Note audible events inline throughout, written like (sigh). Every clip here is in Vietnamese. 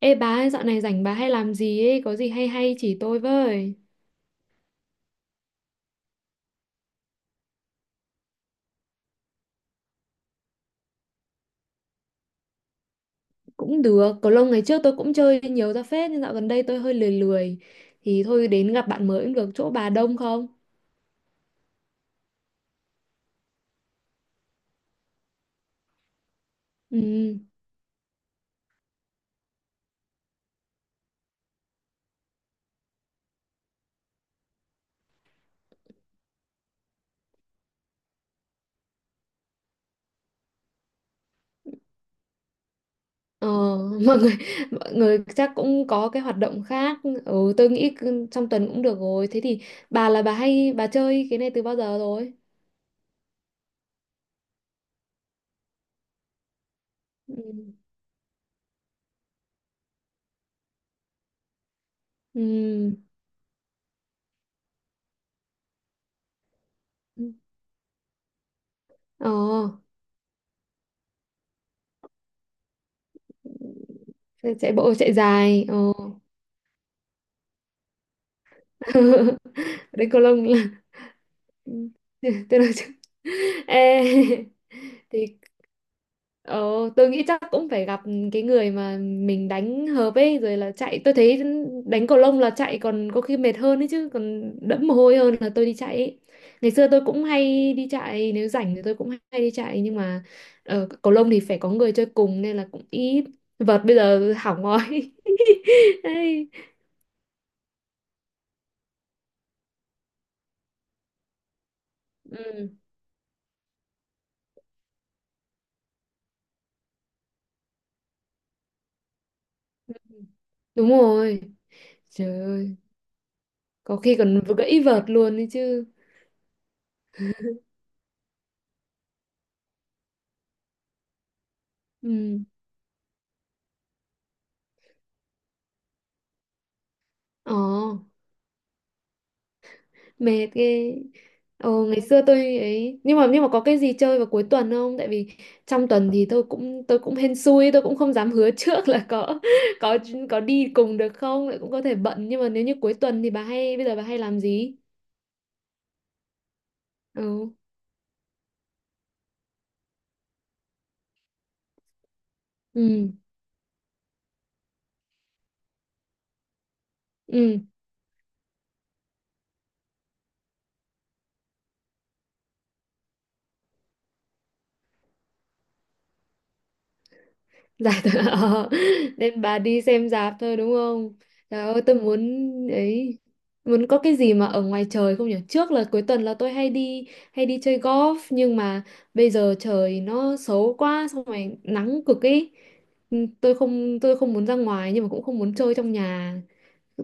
Ê bà ơi, dạo này rảnh bà hay làm gì ấy, có gì hay hay chỉ tôi với. Cũng được, cầu lông ngày trước tôi cũng chơi nhiều ra phết, nhưng dạo gần đây tôi hơi lười lười. Thì thôi đến gặp bạn mới cũng được, chỗ bà đông không? Ừ, ờ, (laughs) mọi người, mọi người chắc cũng có cái hoạt động khác. Ừ, tôi nghĩ cứ trong tuần cũng được rồi. Thế thì bà là bà hay, bà chơi cái này từ bao giờ rồi? Ừ, ừ, ờ, chạy bộ chạy dài. (laughs) Đến cầu lông. Ừ, (laughs) tôi nói chứ. Ê, (laughs) thì ờ, tôi nghĩ chắc cũng phải gặp cái người mà mình đánh hợp ấy rồi, là chạy tôi thấy đánh cầu lông là chạy còn có khi mệt hơn ấy chứ, còn đẫm mồ hôi hơn là tôi đi chạy ấy. Ngày xưa tôi cũng hay đi chạy, nếu rảnh thì tôi cũng hay đi chạy, nhưng mà cầu lông thì phải có người chơi cùng nên là cũng ít. Vợt bây giờ hỏng rồi. (laughs) Đấy. Ừ, đúng rồi. Trời ơi, có khi còn gãy vợt luôn đấy chứ. Ừ. ờ Mệt ghê. Ồ, ngày xưa tôi ấy, nhưng mà có cái gì chơi vào cuối tuần không? Tại vì trong tuần thì tôi cũng hên xui, tôi cũng không dám hứa (laughs) trước là có (laughs) có có đi cùng được không, lại cũng có thể bận. Nhưng mà nếu như cuối tuần thì bà hay bây giờ bà hay làm gì? Ừ, ừ, ừ. Dạ. (laughs) ờ, Nên bà đi xem rạp thôi đúng không? Trời ơi tôi ấy muốn có cái gì mà ở ngoài trời không nhỉ? Trước là cuối tuần là tôi hay đi chơi golf, nhưng mà bây giờ trời nó xấu quá, xong rồi nắng cực ấy. Ừ, tôi không muốn ra ngoài nhưng mà cũng không muốn chơi trong nhà.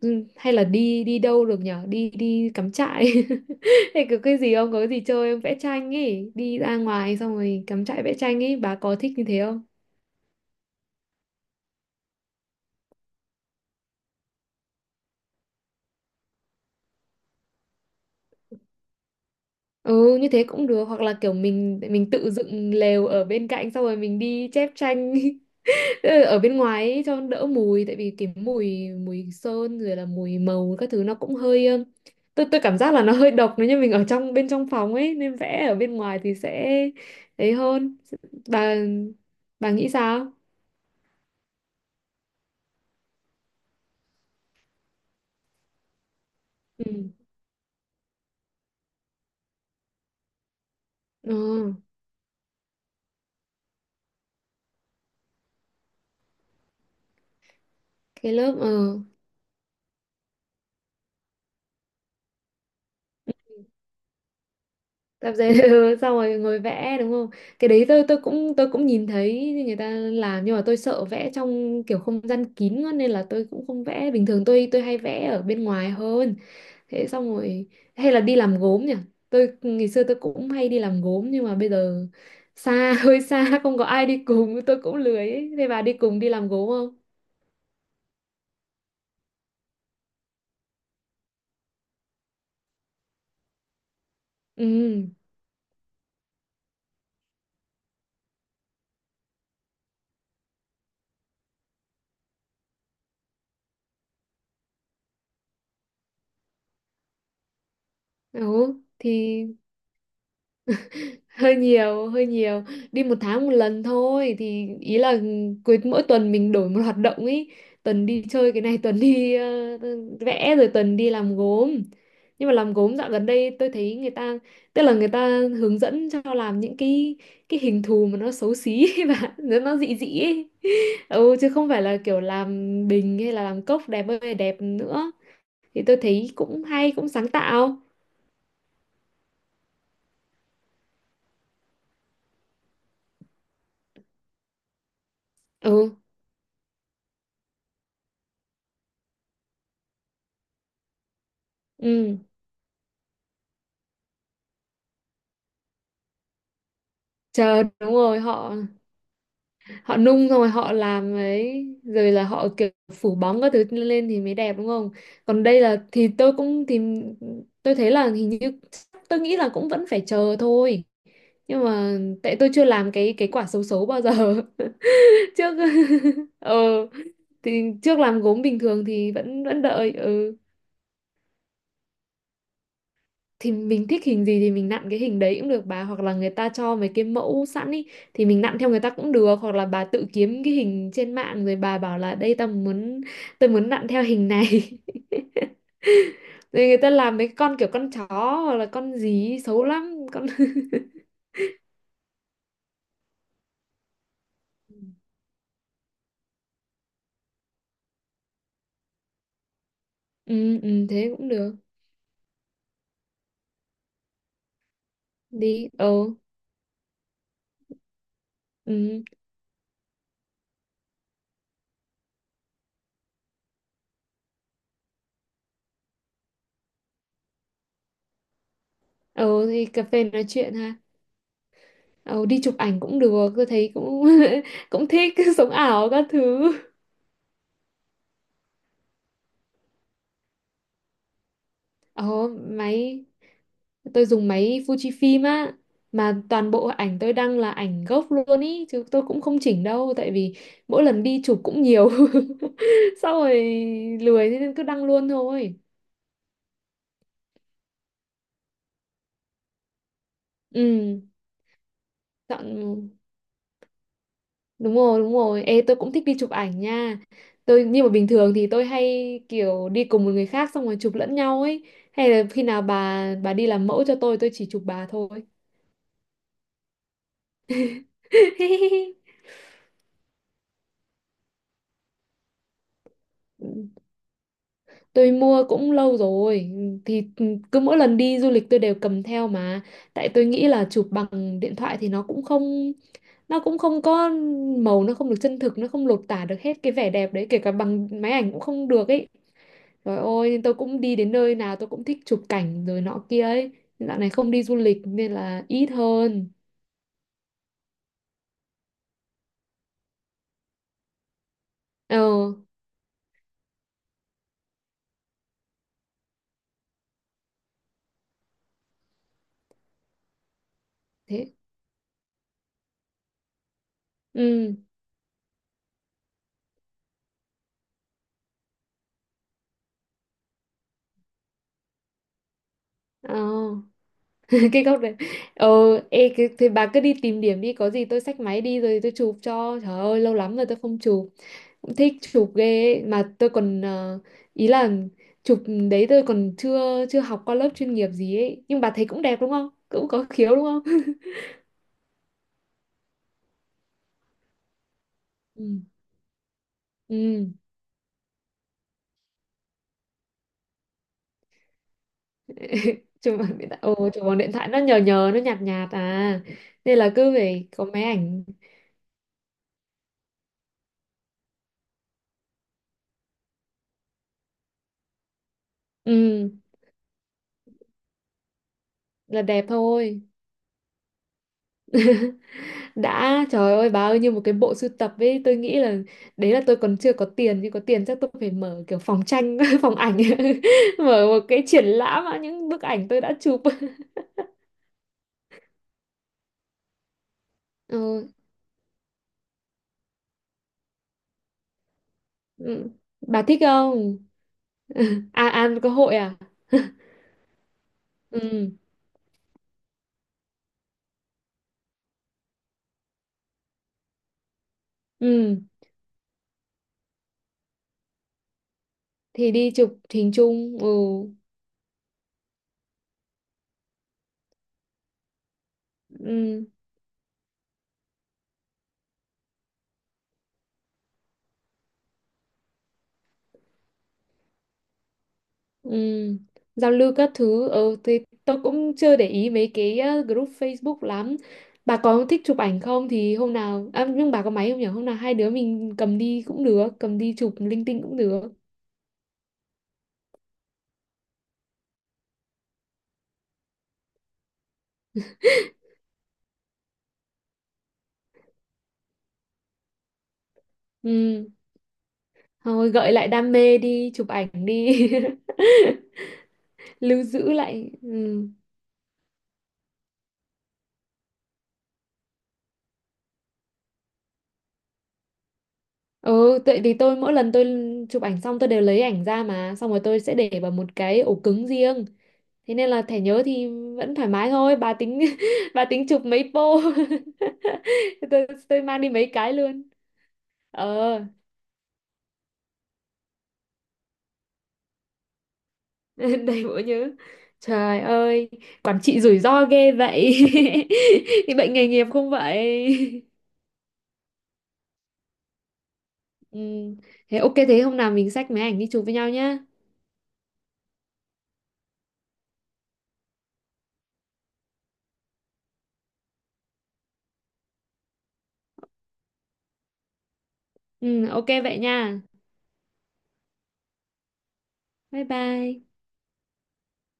Ừ, hay là đi đi đâu được nhỉ? Đi đi cắm trại. (laughs) Hay có cái gì không? Có cái gì chơi không? Vẽ tranh ấy, đi ra ngoài xong rồi cắm trại vẽ tranh ấy, bà có thích như thế không? Ừ, như thế cũng được, hoặc là kiểu mình tự dựng lều ở bên cạnh xong rồi mình đi chép tranh. (laughs) Tức là ở bên ngoài ấy, cho đỡ mùi, tại vì cái mùi mùi sơn rồi là mùi màu các thứ nó cũng hơi tôi cảm giác là nó hơi độc nếu như mình ở trong bên trong phòng ấy, nên vẽ ở bên ngoài thì sẽ ấy hơn. Bà bà nghĩ sao? Ừ. Ờ, cái lớp tập giấy. (laughs) Ừ, xong rồi ngồi vẽ đúng không? Cái đấy tôi cũng nhìn thấy người ta làm, nhưng mà tôi sợ vẽ trong kiểu không gian kín quá nên là tôi cũng không vẽ. Bình thường tôi hay vẽ ở bên ngoài hơn. Thế, xong rồi, hay là đi làm gốm nhỉ? Ngày xưa tôi cũng hay đi làm gốm nhưng mà bây giờ xa, (laughs) hơi xa, không có ai đi cùng tôi cũng lười ấy. Thế bà đi cùng đi làm gốm không? Ừ, ừ, thì hơi nhiều hơi nhiều. Đi một tháng một lần thôi, thì ý là cuối mỗi tuần mình đổi một hoạt động ý, tuần đi chơi cái này, (laughs) tuần đi vẽ, rồi tuần đi làm gốm. Nhưng mà làm gốm dạo gần đây tôi thấy người ta tức là người ta hướng dẫn cho làm những cái hình thù mà nó xấu xí (laughs) và nó dị dị ấy. Ừ, chứ không phải là kiểu làm bình hay là làm cốc đẹp ơi là đẹp nữa. Thì tôi thấy cũng hay, cũng sáng tạo. Ừ, ừ, chờ, đúng rồi. Họ Họ nung xong rồi họ làm ấy, rồi là họ kiểu phủ bóng các thứ lên thì mới đẹp đúng không? Còn đây là, thì tôi cũng thì, tôi thấy là hình như, tôi nghĩ là cũng vẫn phải chờ thôi. Nhưng mà tại tôi chưa làm cái quả xấu xấu bao giờ. (laughs) Trước (laughs) ờ thì trước làm gốm bình thường thì vẫn vẫn đợi. Ừ. Thì mình thích hình gì thì mình nặn cái hình đấy cũng được bà, hoặc là người ta cho mấy cái mẫu sẵn ý thì mình nặn theo người ta cũng được, hoặc là bà tự kiếm cái hình trên mạng rồi bà bảo là đây, tao muốn tôi muốn nặn theo hình này. (laughs) Rồi người ta làm mấy con kiểu con chó, hoặc là con gì ý, xấu lắm con. (laughs) Ừ, ừ, thế cũng được. Đi. Ờ ừ ờ thì cà phê nói chuyện ha. Ờ Đi chụp ảnh cũng được, tôi thấy cũng (laughs) cũng thích, (laughs) sống ảo các thứ. Ờ máy Tôi dùng máy Fujifilm á. Mà toàn bộ ảnh tôi đăng là ảnh gốc luôn ý, chứ tôi cũng không chỉnh đâu, tại vì mỗi lần đi chụp cũng nhiều. (laughs) Sau rồi lười thế nên cứ đăng luôn thôi. Ừ, chọn, đúng rồi, đúng rồi. Ê, tôi cũng thích đi chụp ảnh nha. Nhưng mà bình thường thì tôi hay kiểu đi cùng một người khác xong rồi chụp lẫn nhau ấy. Hay là khi nào bà đi làm mẫu cho tôi chỉ chụp bà thôi. (laughs) Tôi mua cũng lâu rồi. Thì cứ mỗi lần đi du lịch tôi đều cầm theo mà. Tại tôi nghĩ là chụp bằng điện thoại thì nó cũng không có màu, nó không được chân thực, nó không lột tả được hết cái vẻ đẹp đấy, kể cả bằng máy ảnh cũng không được ấy. Rồi ôi nên tôi cũng đi đến nơi nào tôi cũng thích chụp cảnh rồi nọ kia ấy. Dạo này không đi du lịch nên là ít hơn. ờ Thế. Ừ. ờ (laughs) cái góc đấy. ờ Ê, cái, thì bà cứ đi tìm điểm đi, có gì tôi xách máy đi rồi tôi chụp cho. Trời ơi, lâu lắm rồi tôi không chụp, cũng thích chụp ghê ấy. Mà tôi còn ý là chụp đấy, tôi còn chưa chưa học qua lớp chuyên nghiệp gì ấy, nhưng bà thấy cũng đẹp đúng không, cũng có khiếu đúng không? (laughs) Ừ, ừ, chụp bằng điện thoại ồ, chụp bằng điện thoại nó nhờ nhờ, nó nhạt nhạt à. Nên là cứ phải có máy ảnh. Ừ, là đẹp thôi. Đã, trời ơi bà ơi, như một cái bộ sưu tập ấy. Tôi nghĩ là đấy là tôi còn chưa có tiền, nhưng có tiền chắc tôi phải mở kiểu phòng tranh, (laughs) phòng ảnh. (laughs) Mở một cái triển lãm á, những bức ảnh tôi đã chụp. (laughs) Ừ. Ừ. Bà thích không? (laughs) À, à, có hội à. Ừ, ừ, thì đi chụp hình chung. Ừ, ừ. Ừ. Giao lưu các thứ. Ờ thì tôi cũng chưa để ý mấy cái group Facebook lắm. Bà có thích chụp ảnh không? Thì hôm nào à, nhưng bà có máy không nhỉ? Hôm nào hai đứa mình cầm đi cũng được, cầm đi chụp linh tinh cũng được. Ừ. Thôi, gợi lại đam mê đi chụp ảnh đi. (laughs) Lưu giữ lại. Ừ. Ừ, tại vì mỗi lần tôi chụp ảnh xong tôi đều lấy ảnh ra, mà xong rồi tôi sẽ để vào một cái ổ cứng riêng. Thế nên là thẻ nhớ thì vẫn thoải mái thôi. Bà tính, (laughs) bà tính chụp mấy pô? (laughs) Tôi mang đi mấy cái luôn. ờ (laughs) Đầy bộ nhớ. Trời ơi, quản trị rủi ro ghê vậy. (laughs) Thì bệnh nghề nghiệp không vậy? Ừ. Thế ok, thế hôm nào mình xách máy ảnh đi chụp với nhau nhá. Ừ, ok vậy nha. Bye bye.